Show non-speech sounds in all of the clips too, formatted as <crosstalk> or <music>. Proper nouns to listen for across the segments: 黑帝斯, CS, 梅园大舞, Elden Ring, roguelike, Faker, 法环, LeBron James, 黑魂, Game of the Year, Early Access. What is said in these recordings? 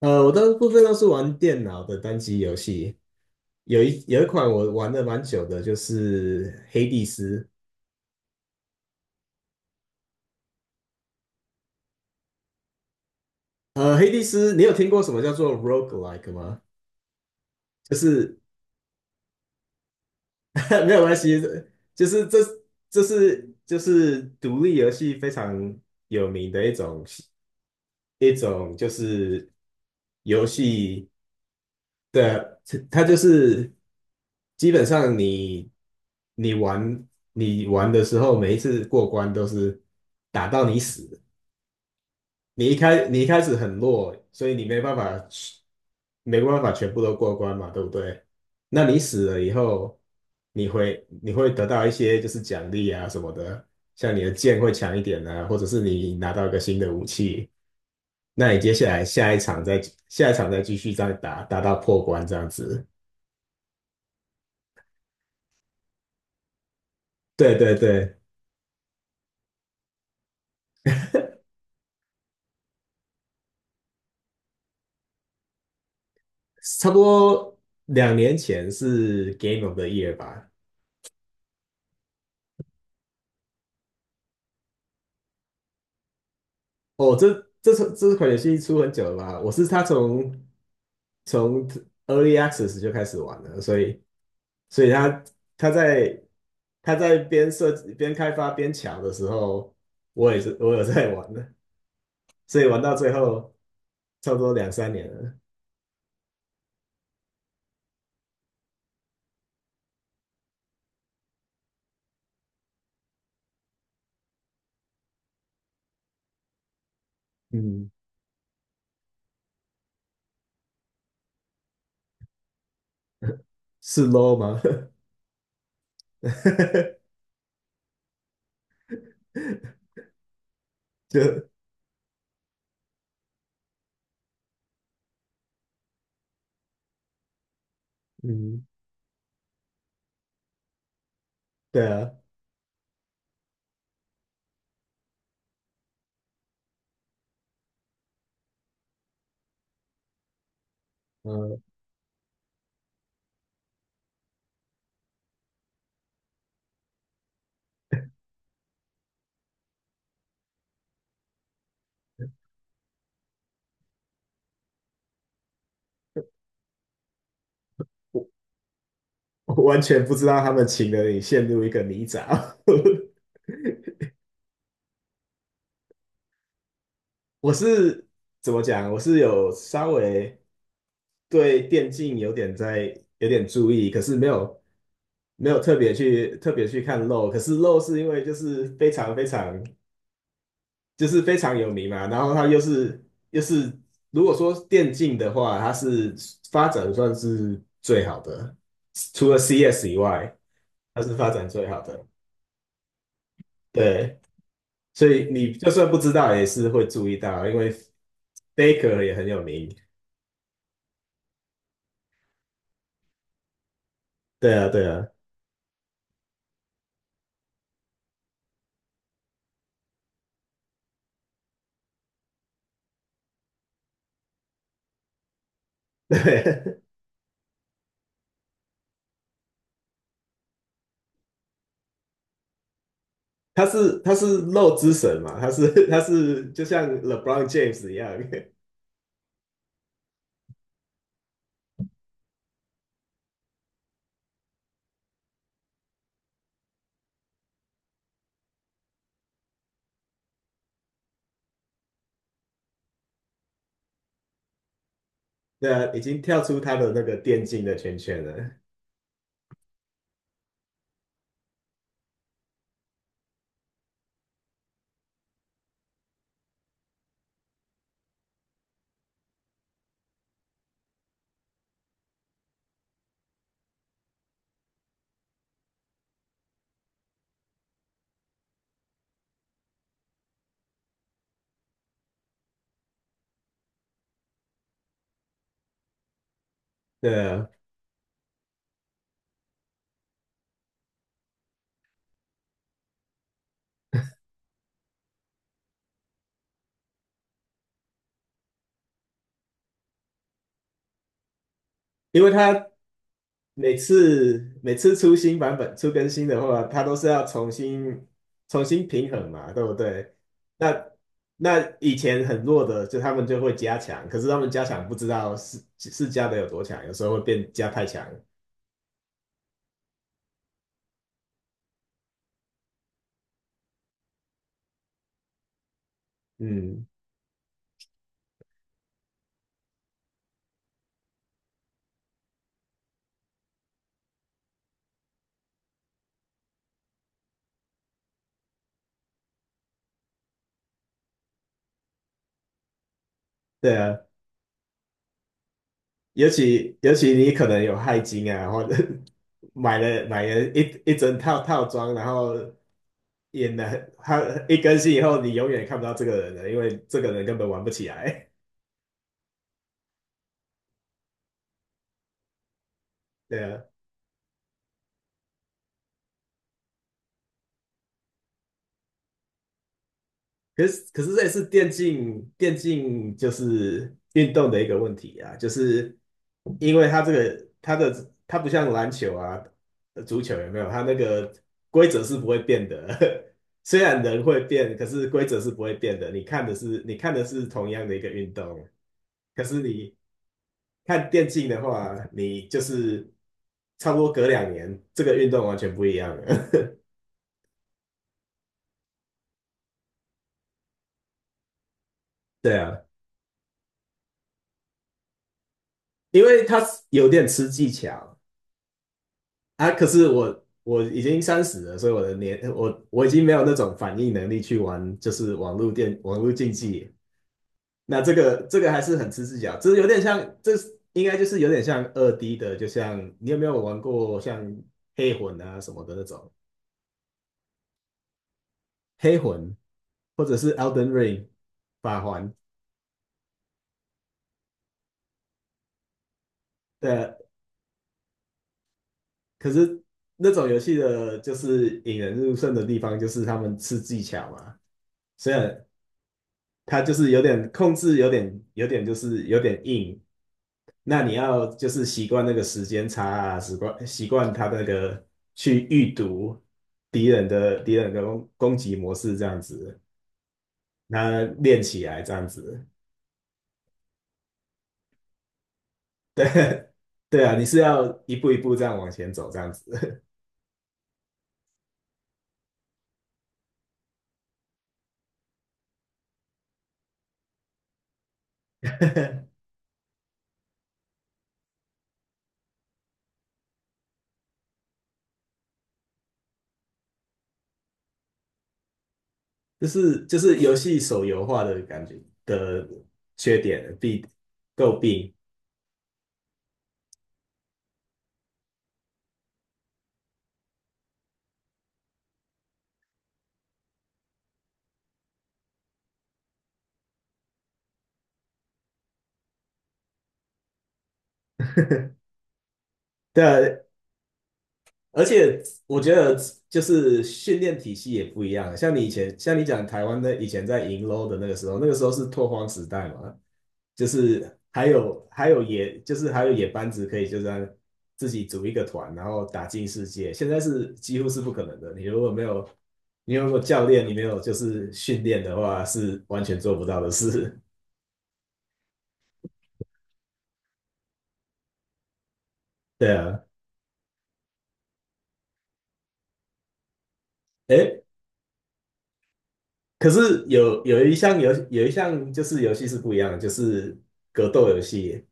我大部分都是玩电脑的单机游戏，有一款我玩的蛮久的，就是《黑帝斯》。《黑帝斯》，你有听过什么叫做 roguelike 吗？就是 <laughs> 没有关系，就是这这是就是独立游戏非常有名的一种就是游戏的，它就是基本上你玩你玩的时候，每一次过关都是打到你死。你一开始很弱，所以你没办法没办法全部都过关嘛，对不对？那你死了以后，你会得到一些就是奖励啊什么的，像你的剑会强一点啊，或者是你拿到一个新的武器，那你接下来下一场再继续再打，打到破关这样子。对对对，差不多两年前是 Game of the Year 吧。哦，这款游戏出很久了吧？我是他从 Early Access 就开始玩了，所以他他在他在边设计边开发边抢的时候，我也是我有在玩的，所以玩到最后差不多两三年了。嗯，是 low 吗？<laughs> 就嗯，对啊，呃，我我完全不知道他们请了你陷入一个泥沼。<laughs> 我是怎么讲？我是有稍微对电竞有点在有点注意，可是没有没有特别去看漏，可是漏是因为就是非常就是非常有名嘛，然后它又是如果说电竞的话，它是发展算是最好的，除了 CS 以外，它是发展最好的。对，所以你就算不知道也是会注意到，因为 Faker 也很有名。对啊，对啊，对，<laughs> 他是漏之神嘛，他是就像 LeBron James 一样。<laughs> 对啊，已经跳出他的那个电竞的圈圈了。对啊，因为他每次出新版本、出更新的话，他都是要重新平衡嘛，对不对？那那以前很弱的，就他们就会加强，可是他们加强不知道是是加的有多强，有时候会变加太强。嗯，对啊，尤其你可能有钛金啊，或者 <laughs> 买了一一整套套装，然后也的他一更新以后，你永远看不到这个人了，因为这个人根本玩不起来。<laughs> 对啊，可是可是这也是电竞就是运动的一个问题啊，就是因为他这个他的他不像篮球啊、足球有没有？他那个规则是不会变的，<laughs> 虽然人会变，可是规则是不会变的。你看的是同样的一个运动，可是你看电竞的话，你就是差不多隔两年，这个运动完全不一样了。<laughs> 对啊，因为它有点吃技巧啊。可是我已经三十了，所以我的年我已经没有那种反应能力去玩，就是网络电网络竞技。那这个还是很吃技巧，这有点像，这应该就是有点像二 D 的，就像你有没有玩过像黑魂啊什么的那种黑魂，或者是 Elden Ring 法环。的。可是那种游戏的，就是引人入胜的地方，就是他们吃技巧嘛。虽然它就是有点控制，有点就是有点硬，那你要就是习惯那个时间差啊，习惯他那个去预读敌人的攻攻击模式这样子，那练起来这样子，对 <laughs> 对啊，你是要一步一步这样往前走这样子。<laughs> 就是游戏手游化的感觉的缺点弊诟病，对啊，而且我觉得就是训练体系也不一样啊，像你以前像你讲台湾的以前在银 l 的那个时候，那个时候是拓荒时代嘛，就是还有野班子可以就这样自己组一个团，然后打进世界，现在是几乎是不可能的，你如果没有你如果教练你没有就是训练的话，是完全做不到的事，<laughs> 对啊。诶，可是有有一项游有一项就是游戏是不一样的，就是格斗游戏。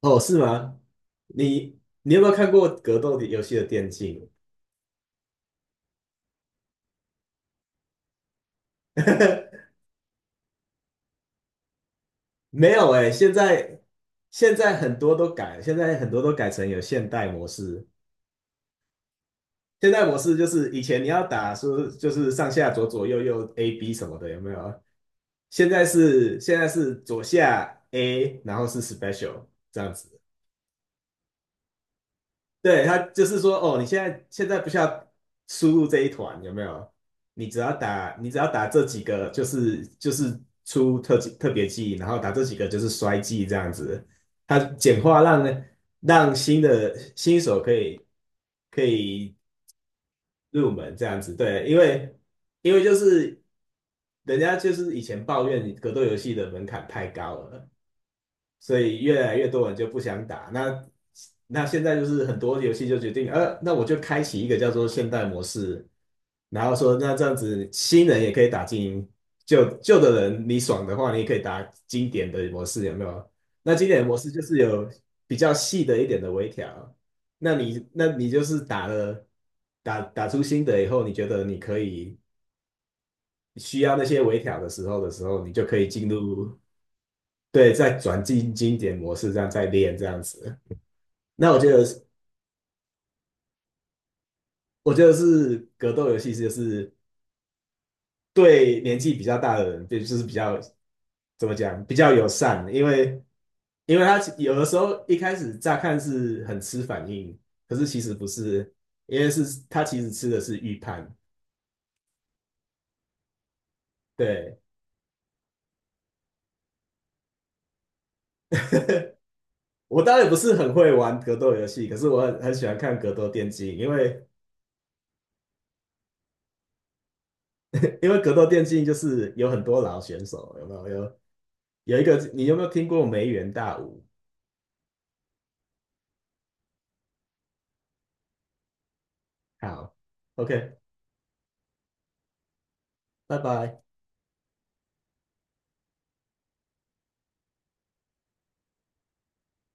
哦，是吗？你你有没有看过格斗的游戏的电竞？没有诶，现在很多都改，现在很多都改成有现代模式。现代模式就是以前你要打说就是上下左左右右 A B 什么的，有没有？现在是左下 A,然后是 special 这样子。对，他就是说，哦，你现在不需要输入这一团，有没有？你只要打，你只要打这几个，就是出特技特别技，然后打这几个就是衰技这样子。他简化让呢让新的新手可以入门这样子，对，因为因为就是人家就是以前抱怨格斗游戏的门槛太高了。所以越来越多人就不想打。那现在就是很多游戏就决定，那我就开启一个叫做现代模式，然后说那这样子新人也可以打精英，旧旧的人你爽的话，你也可以打经典的模式，有没有？那经典模式就是有比较细的一点的微调，那你就是打了打打出新的以后，你觉得你可以需要那些微调的时候，你就可以进入。对，再转进经典模式，这样再练这样子。那我觉得我觉得是格斗游戏，就是对年纪比较大的人，对就是比较怎么讲，比较友善，因为因为他有的时候一开始乍看是很吃反应，可是其实不是，因为是他其实吃的是预判。对，<laughs> 我当然不是很会玩格斗游戏，可是我很喜欢看格斗电竞，因为 <laughs> 因为格斗电竞就是有很多老选手，有没有？有有一个，你有没有听过梅园大舞？好，OK,拜拜。